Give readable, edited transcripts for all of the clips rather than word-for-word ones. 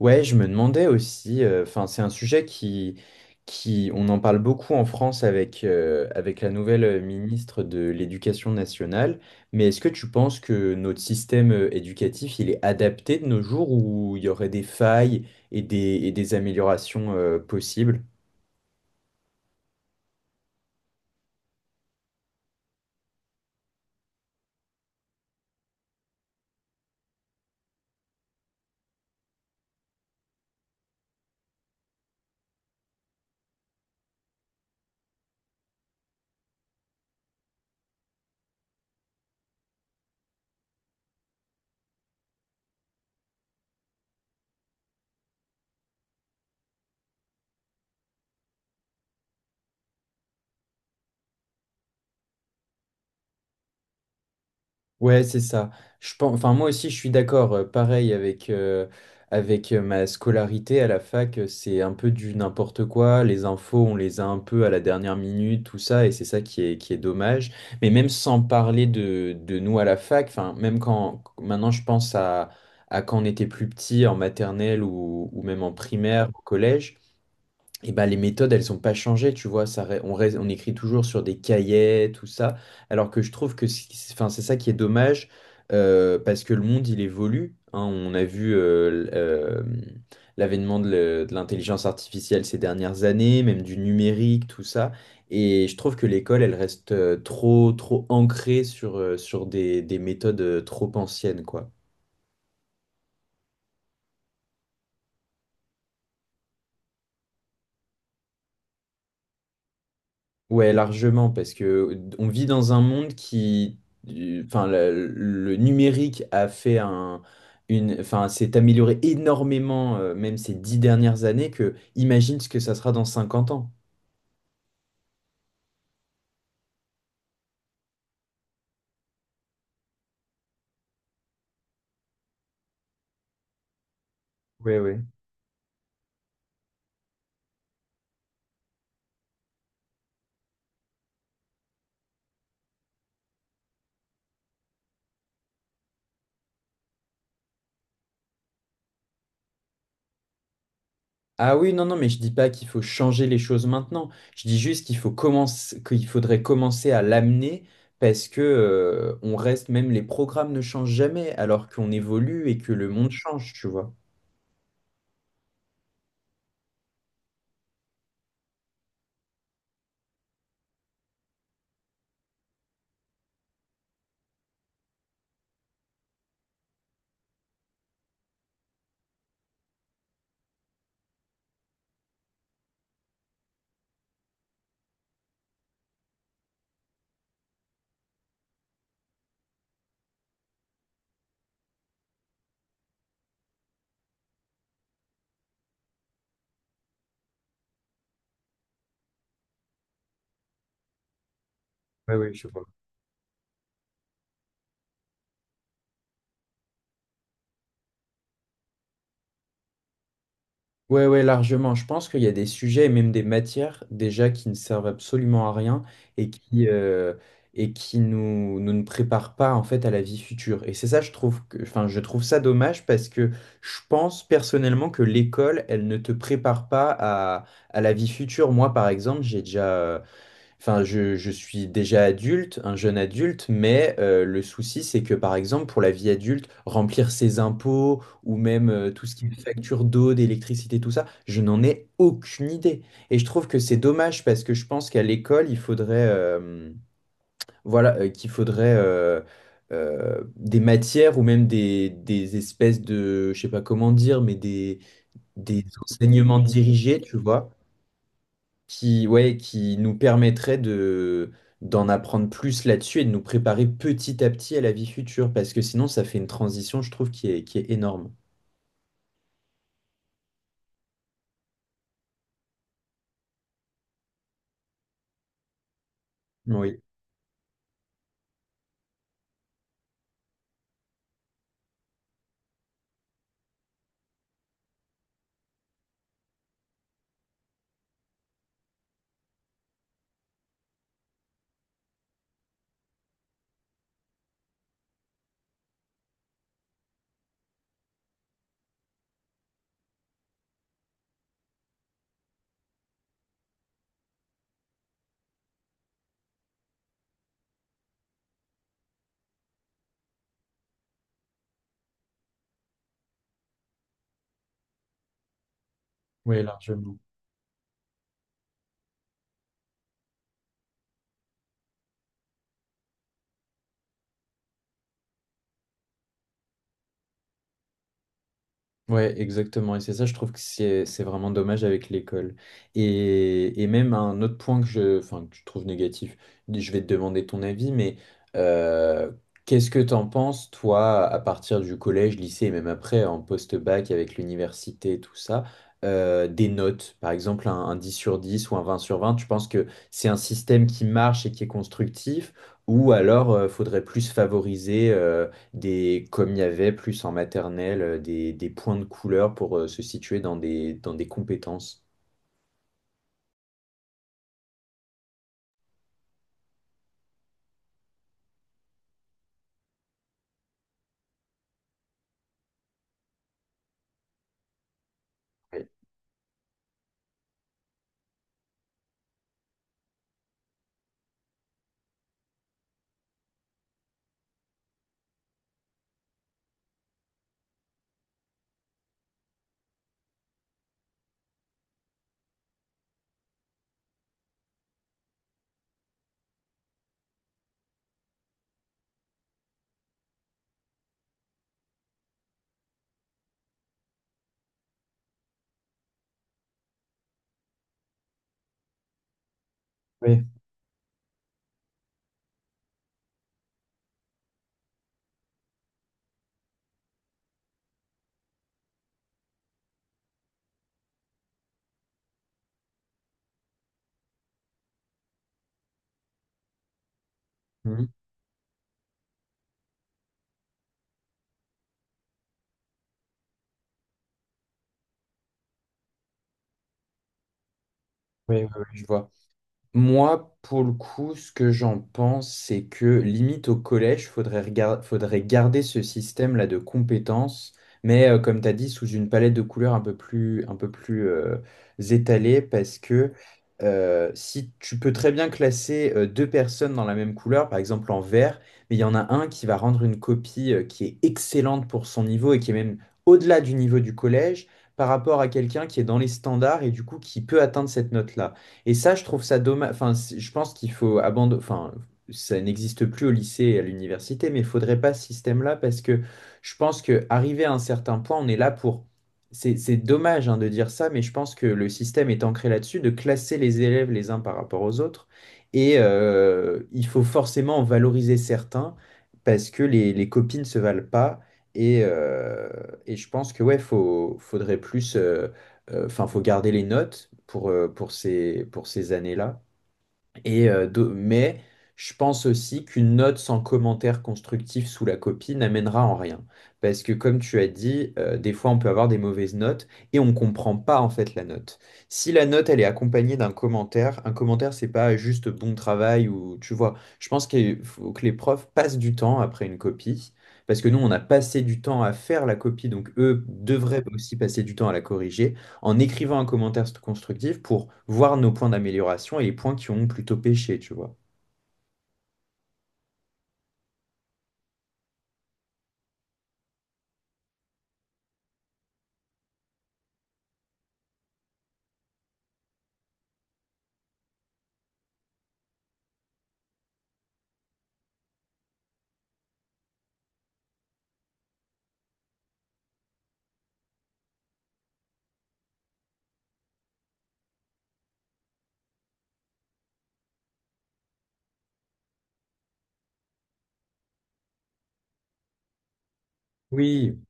Ouais, je me demandais aussi, c'est un sujet qui on en parle beaucoup en France avec, avec la nouvelle ministre de l'Éducation nationale, mais est-ce que tu penses que notre système éducatif, il est adapté de nos jours où il y aurait des failles et des améliorations, possibles? Ouais, c'est ça. Je pense, enfin, moi aussi, je suis d'accord. Pareil avec, avec ma scolarité à la fac, c'est un peu du n'importe quoi. Les infos, on les a un peu à la dernière minute, tout ça, et c'est ça qui est dommage. Mais même sans parler de nous à la fac, enfin, même quand maintenant à quand on était plus petit, en maternelle ou même en primaire, au collège. Et ben, les méthodes, elles n'ont pas changé, tu vois, ça, re- on, reste- on écrit toujours sur des cahiers, tout ça, alors que je trouve que c'est ça qui est dommage, parce que le monde, il évolue, hein, on a vu l'avènement de l'intelligence artificielle ces dernières années, même du numérique, tout ça, et je trouve que l'école, elle reste trop ancrée sur des méthodes trop anciennes, quoi. Ouais, largement, parce que on vit dans un monde qui, enfin, le numérique a fait s'est amélioré énormément, même ces dix dernières années, que imagine ce que ça sera dans 50 ans. Oui, oui. Ah oui, non, non, mais je dis pas qu'il faut changer les choses maintenant. Je dis juste qu'il faut commencer, qu'il faudrait commencer à l'amener parce que, on reste, même les programmes ne changent jamais alors qu'on évolue et que le monde change, tu vois. Ouais, ouais, je vois. Ouais, ouais, largement. Je pense qu'il y a des sujets et même des matières déjà qui ne servent absolument à rien et qui, euh, et qui nous ne préparent pas en fait à la vie future. Et c'est ça, je trouve je trouve ça dommage parce que je pense personnellement que l'école, elle ne te prépare pas à, à la vie future. Moi, par exemple, j'ai déjà, Enfin, je suis déjà adulte, un jeune adulte, mais le souci, c'est que par exemple, pour la vie adulte, remplir ses impôts ou même tout ce qui est facture d'eau, d'électricité, tout ça, je n'en ai aucune idée. Et je trouve que c'est dommage parce que je pense qu'à l'école, il faudrait, voilà, qu'il faudrait des matières ou même des, je sais pas comment dire, des enseignements dirigés, tu vois qui, ouais, qui nous permettrait de, d'en apprendre plus là-dessus et de nous préparer petit à petit à la vie future, parce que sinon, ça fait une transition, je trouve, qui est énorme. Oui, oui, largement. Ouais, exactement. Et c'est ça, je trouve que c'est vraiment dommage avec l'école. Et même un autre point que je trouve négatif, je vais te demander ton avis, mais euh, qu'est-ce que t'en penses, toi, à partir du collège, lycée, et même après, en post-bac, avec l'université, tout ça, des notes, par exemple un 10 sur 10 ou un 20 sur 20. Tu penses que c'est un système qui marche et qui est constructif, ou alors faudrait plus favoriser comme il y avait plus en maternelle, des points de couleur pour se situer dans des compétences. Ouais. Oui, mhm. Oui, oui, oui, je vois. Moi, pour le coup, ce que j'en pense, c'est que limite au collège, faudrait garder ce système-là de compétences, mais comme tu as dit, sous une palette de couleurs un peu plus étalée, parce que si tu peux très bien classer deux personnes dans la même couleur, par exemple en vert, mais il y en a un qui va rendre une copie qui est excellente pour son niveau et qui est même au-delà du niveau du collège, par rapport à quelqu'un qui est dans les standards et du coup qui peut atteindre cette note-là. Et ça, je trouve ça dommage. Enfin, c'est- je pense qu'il faut abandonner. Enfin, ça n'existe plus au lycée et à l'université, mais il faudrait pas ce système-là parce que je pense que arrivé à un certain point, on est là pour. C'est dommage hein, de dire ça, mais je pense que le système est ancré là-dessus, de classer les élèves les uns par rapport aux autres. Et il faut forcément en valoriser certains parce que les copies ne se valent pas. Et, euh, et je pense que ouais, faudrait plus. Enfin, faut garder les notes pour, pour ces années-là. Mais je pense aussi qu'une note sans commentaire constructif sous la copie n'amènera en rien. Parce que comme tu as dit, des fois on peut avoir des mauvaises notes et on ne comprend pas en fait la note. Si la note elle est accompagnée d'un commentaire, un commentaire c'est pas juste bon travail ou tu vois. Je pense qu'il faut que les profs passent du temps après une copie. Parce que nous, on a passé du temps à faire la copie, donc eux devraient aussi passer du temps à la corriger en écrivant un commentaire constructif pour voir nos points d'amélioration et les points qui ont plutôt péché, tu vois. Oui,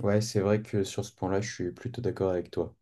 ouais, c'est vrai que sur ce point-là, je suis plutôt d'accord avec toi.